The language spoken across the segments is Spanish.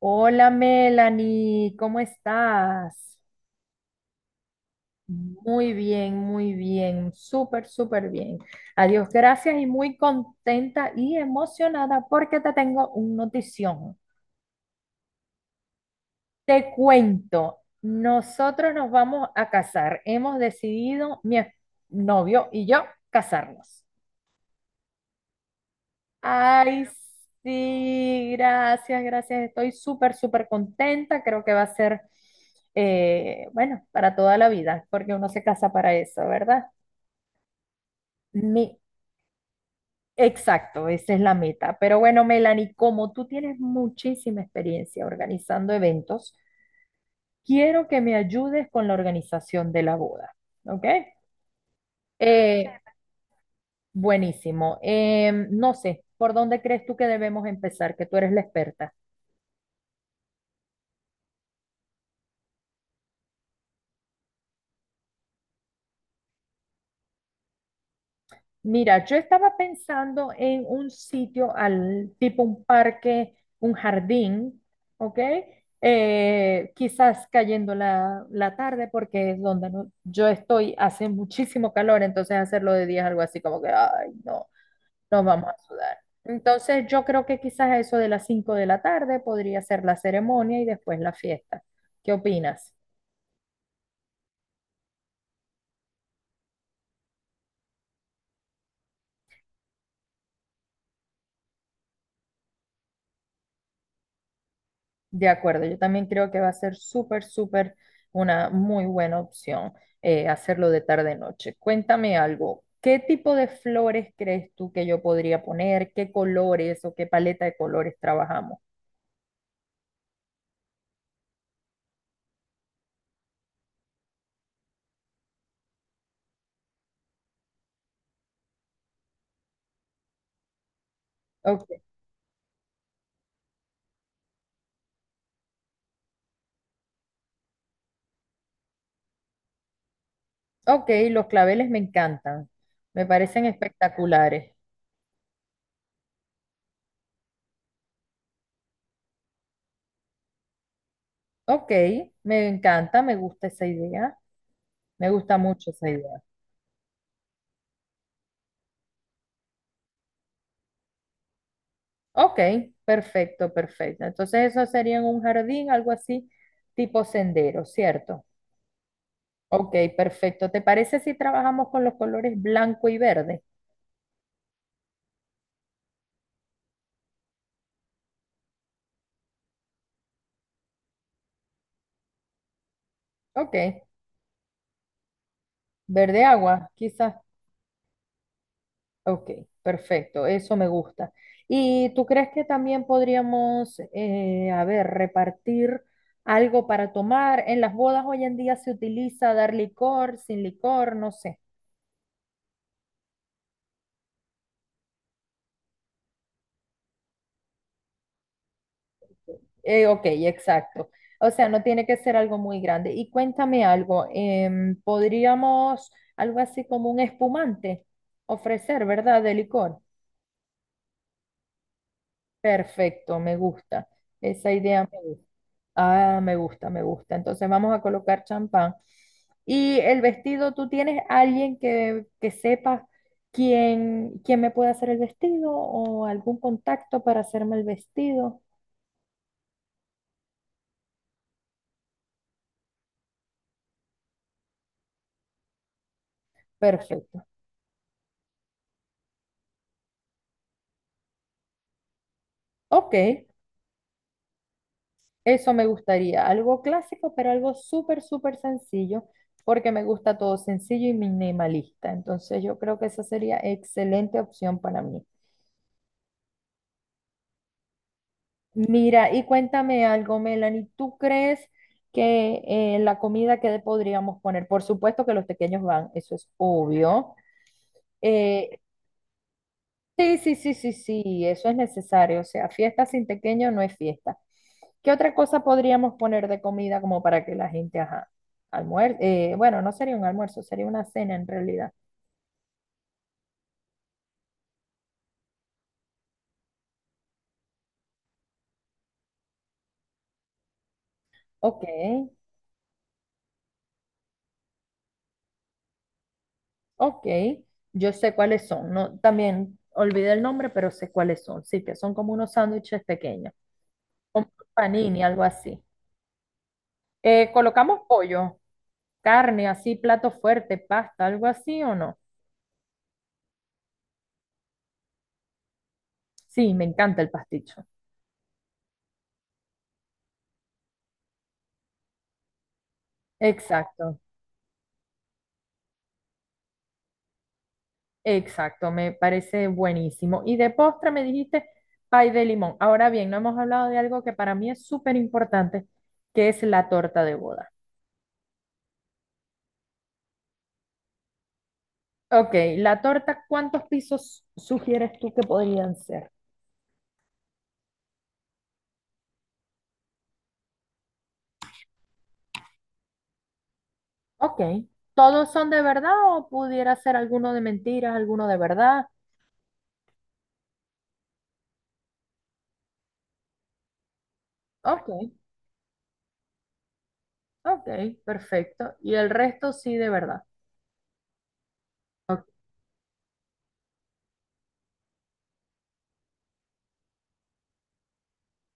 Hola Melanie, ¿cómo estás? Muy bien, súper, súper bien. Adiós, gracias y muy contenta y emocionada porque te tengo un notición. Te cuento, nosotros nos vamos a casar. Hemos decidido, mi novio y yo, casarnos. Ay, sí, gracias, gracias. Estoy súper, súper contenta. Creo que va a ser, bueno, para toda la vida, porque uno se casa para eso, ¿verdad? Mi, exacto, esa es la meta. Pero bueno, Melanie, como tú tienes muchísima experiencia organizando eventos, quiero que me ayudes con la organización de la boda, ¿ok? Eh, Buenísimo. No sé, ¿por dónde crees tú que debemos empezar? Que tú eres la experta. Mira, yo estaba pensando en un sitio al tipo un parque, un jardín, ¿ok? Quizás cayendo la tarde porque es donde yo estoy, hace muchísimo calor, entonces hacerlo de día es algo así como que, ay, no, nos vamos a sudar. Entonces yo creo que quizás eso de las 5 de la tarde podría ser la ceremonia y después la fiesta. ¿Qué opinas? De acuerdo, yo también creo que va a ser súper, súper una muy buena opción hacerlo de tarde-noche. Cuéntame algo, ¿qué tipo de flores crees tú que yo podría poner? ¿Qué colores o qué paleta de colores trabajamos? Ok, ok, los claveles me encantan, me parecen espectaculares. Ok, me encanta, me gusta esa idea, me gusta mucho esa idea. Ok, perfecto, perfecto. Entonces eso sería en un jardín, algo así, tipo sendero, ¿cierto? Ok, perfecto. ¿Te parece si trabajamos con los colores blanco y verde? Ok, verde agua, quizás. Ok, perfecto, eso me gusta. ¿Y tú crees que también podríamos, a ver, repartir algo para tomar? En las bodas hoy en día se utiliza dar licor, sin licor, no sé. Ok, exacto. O sea, no tiene que ser algo muy grande. Y cuéntame algo, podríamos algo así como un espumante ofrecer, ¿verdad? De licor. Perfecto, me gusta. Esa idea me gusta. Ah, me gusta, me gusta. Entonces vamos a colocar champán. Y el vestido, ¿tú tienes alguien que sepa quién me puede hacer el vestido o algún contacto para hacerme el vestido? Perfecto. Ok, eso me gustaría. Algo clásico, pero algo súper, súper sencillo, porque me gusta todo sencillo y minimalista. Entonces yo creo que esa sería excelente opción para mí. Mira, y cuéntame algo, Melanie, ¿tú crees que la comida que le podríamos poner? Por supuesto que los pequeños van, eso es obvio. Eh, sí, sí, sí, sí, sí, eso es necesario. O sea, fiesta sin pequeño no es fiesta. ¿Qué otra cosa podríamos poner de comida como para que la gente, ajá, almuerce? Bueno, no sería un almuerzo, sería una cena en realidad. Ok, ok, yo sé cuáles son. No, también olvidé el nombre, pero sé cuáles son. Sí, que son como unos sándwiches pequeños. Un panini, algo así. Colocamos pollo, carne, así, plato fuerte, pasta, algo así o no. Sí, me encanta el pasticho. Exacto, exacto, me parece buenísimo. Y de postre me dijiste pay de limón. Ahora bien, no hemos hablado de algo que para mí es súper importante, que es la torta de boda. Ok, la torta, ¿cuántos pisos sugieres tú que podrían ser? Ok, ¿todos son de verdad o pudiera ser alguno de mentiras, alguno de verdad? Ok, ok, perfecto. Y el resto sí, de verdad. Ok.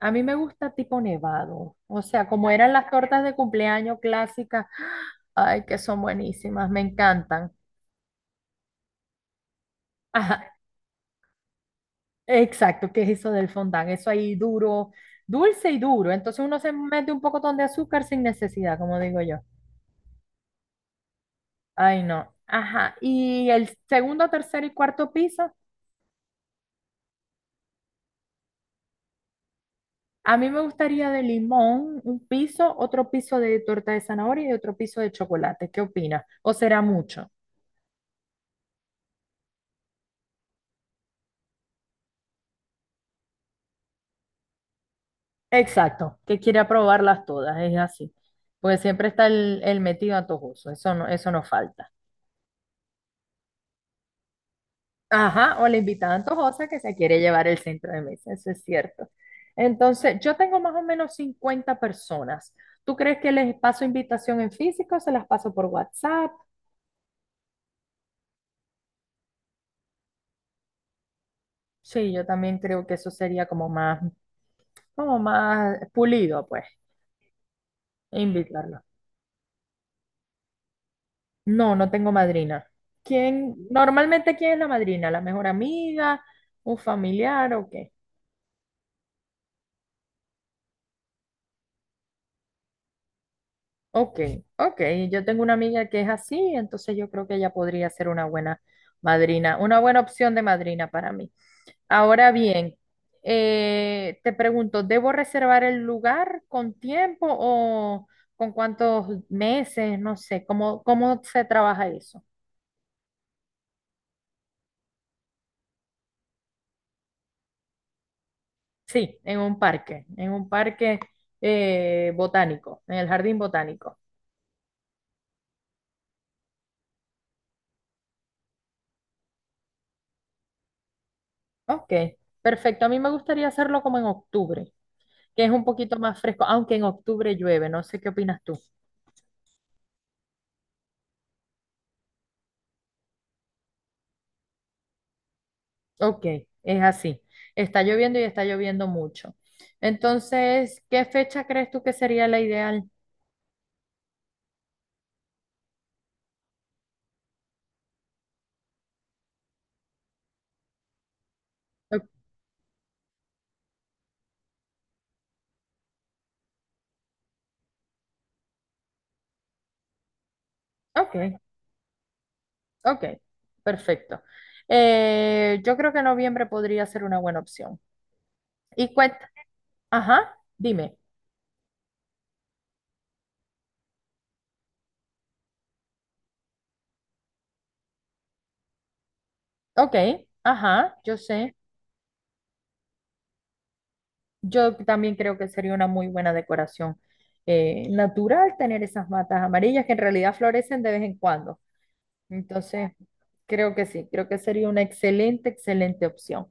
A mí me gusta tipo nevado. O sea, como eran las tortas de cumpleaños clásicas. Ay, que son buenísimas, me encantan. Ajá, exacto, ¿qué es eso del fondant? Eso ahí duro, dulce y duro. Entonces uno se mete un pocotón de azúcar sin necesidad, como digo yo. Ay, no. Ajá. ¿Y el segundo, tercero y cuarto piso? A mí me gustaría de limón un piso, otro piso de torta de zanahoria y otro piso de chocolate. ¿Qué opinas? ¿O será mucho? Exacto, que quiere probarlas todas, es así. Porque siempre está el metido antojoso, eso no falta. Ajá, o la invitada antojosa que se quiere llevar el centro de mesa, eso es cierto. Entonces, yo tengo más o menos 50 personas. ¿Tú crees que les paso invitación en físico? ¿O se las paso por WhatsApp? Sí, yo también creo que eso sería como más pulido, pues. E invitarla. No, no tengo madrina. ¿Quién? Normalmente, ¿quién es la madrina? ¿La mejor amiga? ¿Un familiar o qué? Ok, ok. Yo tengo una amiga que es así, entonces yo creo que ella podría ser una buena madrina, una buena opción de madrina para mí. Ahora bien, te pregunto, ¿debo reservar el lugar con tiempo o con cuántos meses? No sé, ¿cómo se trabaja eso? Sí, en un parque botánico, en el jardín botánico. Ok, perfecto. A mí me gustaría hacerlo como en octubre, que es un poquito más fresco, aunque en octubre llueve, no sé qué opinas tú. Ok, es así. Está lloviendo y está lloviendo mucho. Entonces, ¿qué fecha crees tú que sería la ideal? O- Ok, ok, perfecto. Yo creo que noviembre podría ser una buena opción. Y cuenta, ajá, dime. Ok, ajá, yo sé. Yo también creo que sería una muy buena decoración natural tener esas matas amarillas que en realidad florecen de vez en cuando. Entonces, creo que sí, creo que sería una excelente, excelente opción.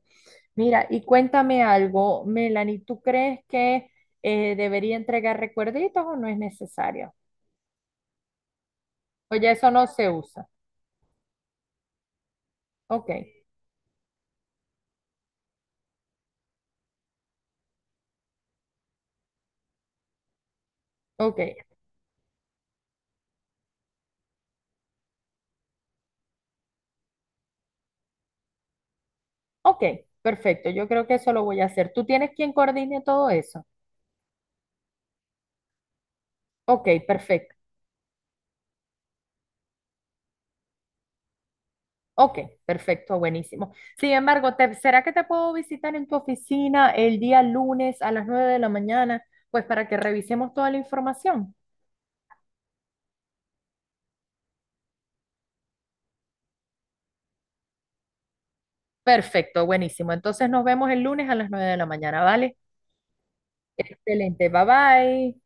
Mira, y cuéntame algo, Melanie, ¿tú crees que debería entregar recuerditos o no es necesario? Oye, eso no se usa. Ok, ok, ok, perfecto. Yo creo que eso lo voy a hacer. ¿Tú tienes quien coordine todo eso? Ok, perfecto. Ok, perfecto, buenísimo. Sin embargo, ¿será que te puedo visitar en tu oficina el día lunes a las 9 de la mañana? Pues para que revisemos toda la información. Perfecto, buenísimo. Entonces nos vemos el lunes a las 9 de la mañana, ¿vale? Excelente, bye bye.